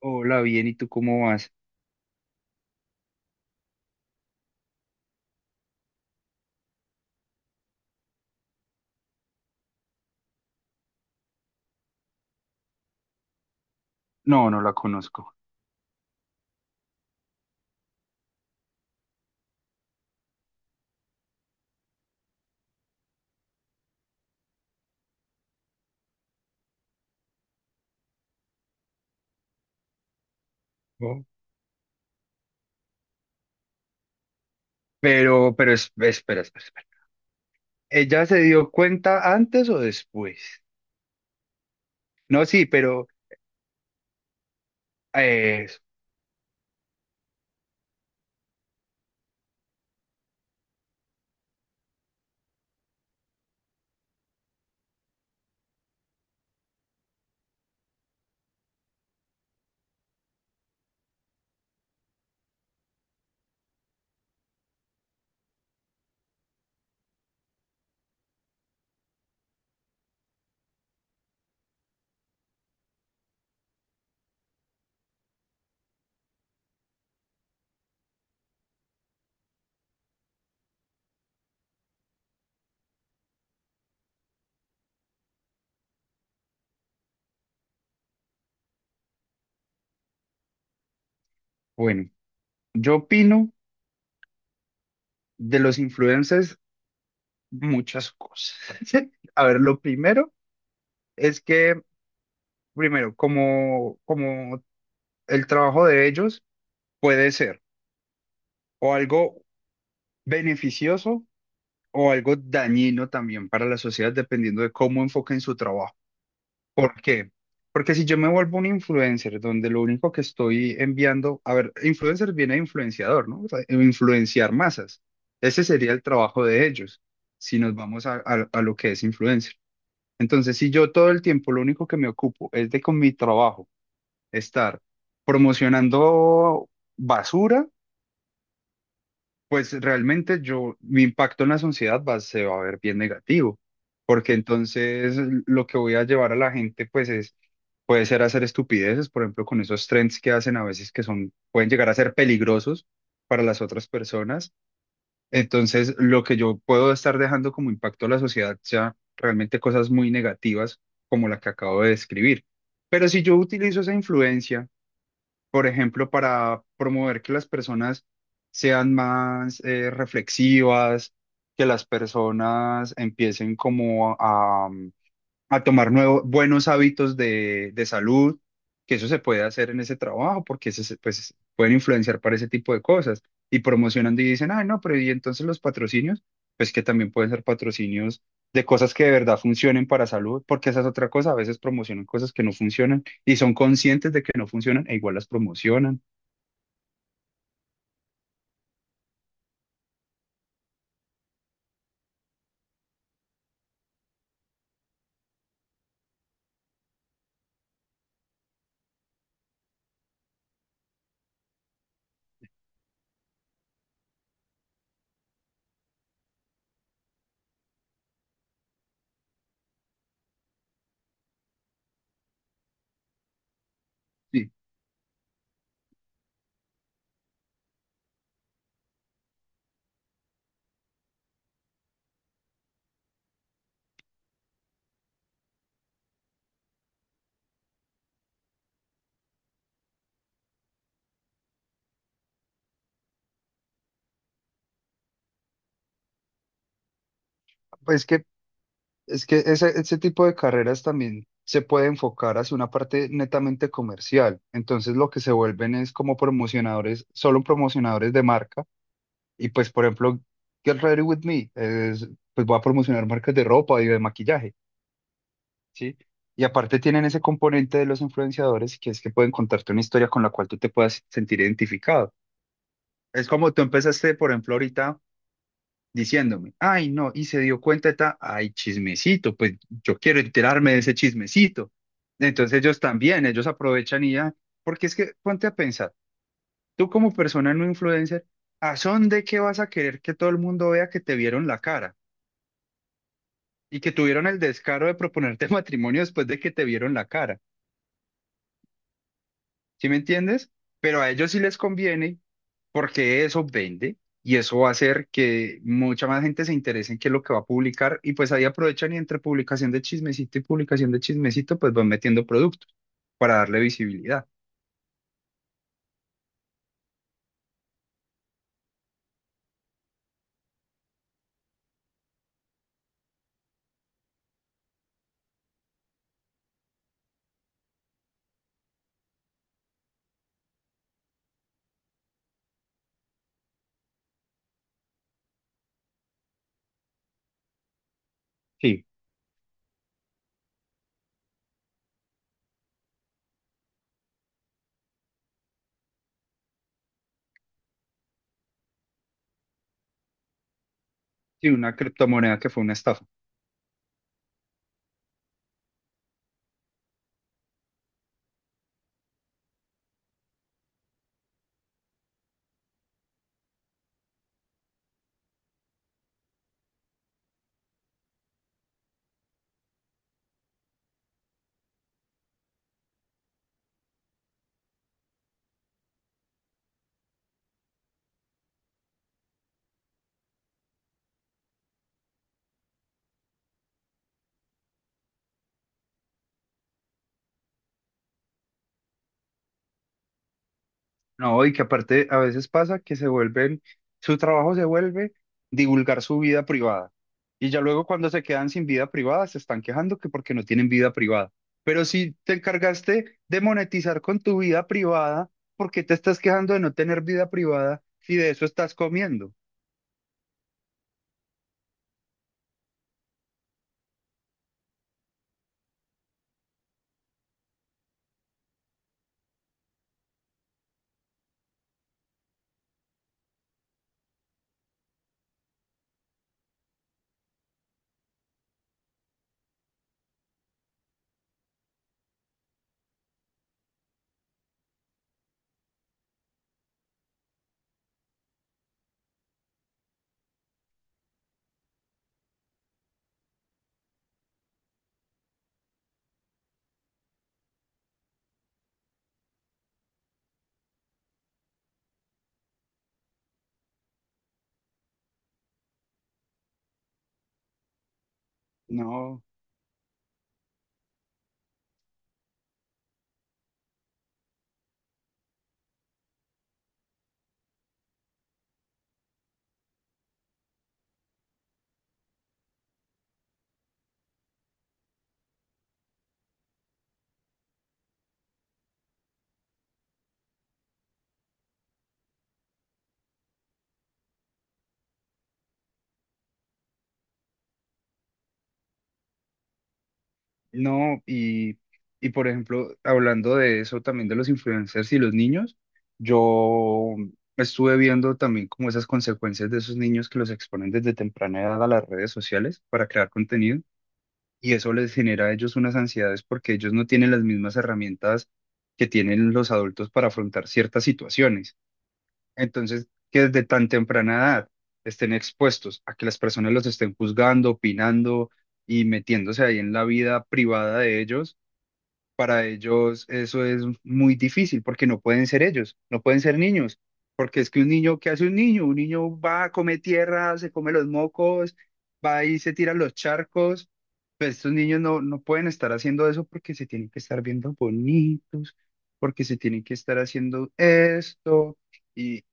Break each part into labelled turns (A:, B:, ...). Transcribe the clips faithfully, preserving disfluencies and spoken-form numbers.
A: Hola, bien, ¿y tú cómo vas? No, no la conozco. ¿No? Pero, pero es- espera, espera, espera. ¿Ella se dio cuenta antes o después? No, sí, pero eh, bueno, yo opino de los influencers muchas cosas. A ver, lo primero es que, primero, como, como el trabajo de ellos puede ser o algo beneficioso o algo dañino también para la sociedad, dependiendo de cómo enfoquen su trabajo. ¿Por qué? Porque si yo me vuelvo un influencer donde lo único que estoy enviando, a ver, influencer viene de influenciador, ¿no? O sea, influenciar masas. Ese sería el trabajo de ellos, si nos vamos a, a- a lo que es influencer. Entonces, si yo todo el tiempo lo único que me ocupo es de con mi trabajo estar promocionando basura, pues realmente yo, mi impacto en la sociedad va, se va a ver bien negativo, porque entonces lo que voy a llevar a la gente pues es, puede ser hacer estupideces, por ejemplo, con esos trends que hacen a veces que son, pueden llegar a ser peligrosos para las otras personas. Entonces lo que yo puedo estar dejando como impacto a la sociedad ya realmente cosas muy negativas como la que acabo de describir. Pero si yo utilizo esa influencia por ejemplo, para promover que las personas sean más eh, reflexivas, que las personas empiecen como a, a tomar nuevos, buenos hábitos de, de salud, que eso se puede hacer en ese trabajo, porque ese se- pues, pueden influenciar para ese tipo de cosas. Y promocionando y dicen, ah, no, pero y entonces los patrocinios, pues que también pueden ser patrocinios de cosas que de verdad funcionen para salud, porque esa es otra cosa, a veces promocionan cosas que no funcionan y son conscientes de que no funcionan e igual las promocionan. Sí, pues que es que ese, ese tipo de carreras también se puede enfocar hacia una parte netamente comercial. Entonces lo que se vuelven es como promocionadores, solo promocionadores de marca. Y pues, por ejemplo, Get Ready With Me, es, pues va a promocionar marcas de ropa y de maquillaje, ¿sí? Y aparte tienen ese componente de los influenciadores que es que pueden contarte una historia con la cual tú te puedas sentir identificado. Es como tú empezaste, por ejemplo, ahorita diciéndome, ay, no, y se dio cuenta, de ta- ay, chismecito, pues yo quiero enterarme de ese chismecito. Entonces ellos también, ellos aprovechan y ya, porque es que ponte a pensar, tú como persona no influencer, ¿a son de qué vas a querer que todo el mundo vea que te vieron la cara y que tuvieron el descaro de proponerte matrimonio después de que te vieron la cara? ¿Sí me entiendes? Pero a ellos sí les conviene porque eso vende y eso va a hacer que mucha más gente se interese en qué es lo que va a publicar y pues ahí aprovechan y entre publicación de chismecito y publicación de chismecito pues van metiendo productos para darle visibilidad. Sí, sí, una criptomoneda que fue una estafa. No, y que aparte a veces pasa que se vuelven, su trabajo se vuelve divulgar su vida privada. Y ya luego cuando se quedan sin vida privada, se están quejando que porque no tienen vida privada. Pero si te encargaste de monetizar con tu vida privada, ¿por qué te estás quejando de no tener vida privada si de eso estás comiendo? No. No, y, y por ejemplo, hablando de eso también de los influencers y los niños, yo estuve viendo también como esas consecuencias de esos niños que los exponen desde temprana edad a las redes sociales para crear contenido y eso les genera a ellos unas ansiedades porque ellos no tienen las mismas herramientas que tienen los adultos para afrontar ciertas situaciones. Entonces, que desde tan temprana edad estén expuestos a que las personas los estén juzgando, opinando y metiéndose ahí en la vida privada de ellos para ellos eso es muy difícil porque no pueden ser ellos, no pueden ser niños, porque es que un niño, ¿qué hace un niño? Un niño va, come tierra, se come los mocos, va y se tira a los charcos. Pues estos niños no, no pueden estar haciendo eso porque se tienen que estar viendo bonitos, porque se tienen que estar haciendo esto y,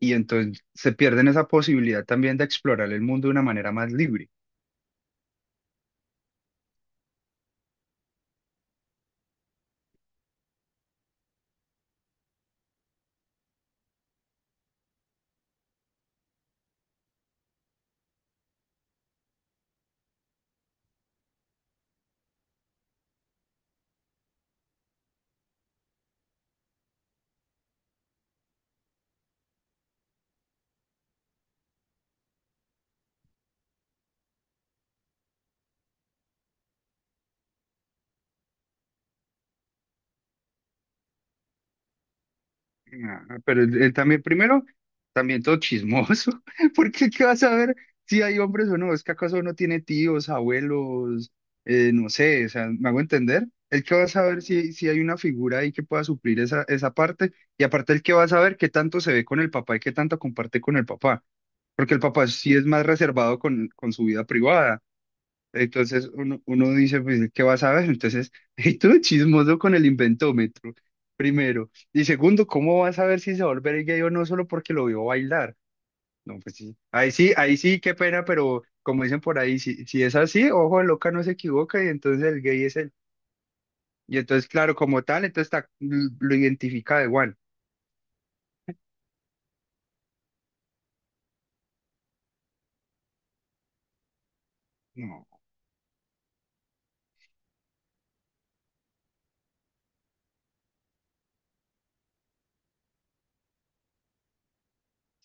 A: y entonces se pierden esa posibilidad también de explorar el mundo de una manera más libre. Ah, pero él, él también, primero, también todo chismoso, porque ¿qué vas a ver si hay hombres o no? ¿Es que acaso uno tiene tíos, abuelos, eh, no sé, o sea, me hago entender? ¿El que va a saber si, si hay una figura ahí que pueda suplir esa, esa parte? Y aparte, el que va a saber qué tanto se ve con el papá y qué tanto comparte con el papá, porque el papá sí es más reservado con, con su vida privada. Entonces uno, uno dice, pues, ¿qué vas a ver? Entonces, y tú chismoso con el inventómetro, primero. Y segundo, ¿cómo vas a ver si se va a volver gay o no solo porque lo vio bailar? No, pues sí. Ahí sí, ahí sí, qué pena, pero como dicen por ahí, si, si es así, ojo, de loca no se equivoca y entonces el gay es él. Y entonces, claro, como tal, entonces ta- lo identifica de Juan. No,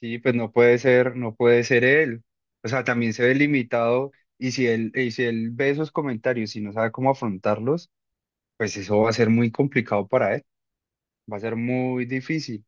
A: sí, pues no puede ser, no puede ser él. O sea, también se ve limitado y si él, y si él ve esos comentarios y no sabe cómo afrontarlos. Pues eso va a ser muy complicado para él, va a ser muy difícil,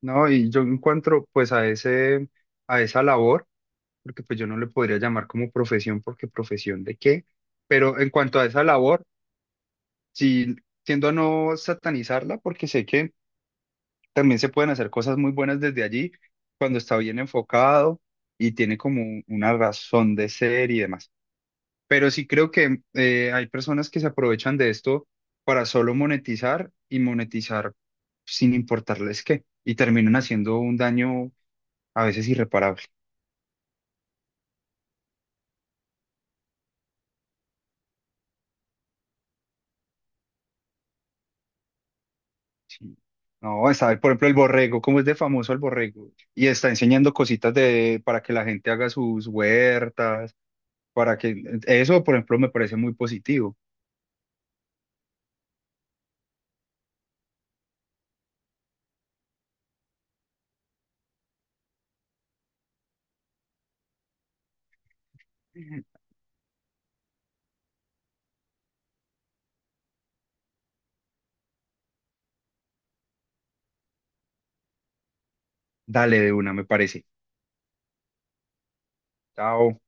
A: ¿no? Y yo encuentro pues a ese, a esa labor, porque pues yo no le podría llamar como profesión, porque profesión de qué, pero en cuanto a esa labor, sí tiendo a no satanizarla, porque sé que también se pueden hacer cosas muy buenas desde allí, cuando está bien enfocado y tiene como una razón de ser y demás. Pero sí creo que eh, hay personas que se aprovechan de esto para solo monetizar y monetizar sin importarles qué, y terminan haciendo un daño a veces irreparable. Sí. No, está, por ejemplo, el borrego, ¿cómo es de famoso el borrego? Y está enseñando cositas de, para que la gente haga sus huertas, para que eso, por ejemplo, me parece muy positivo. Dale de una, me parece. Chao.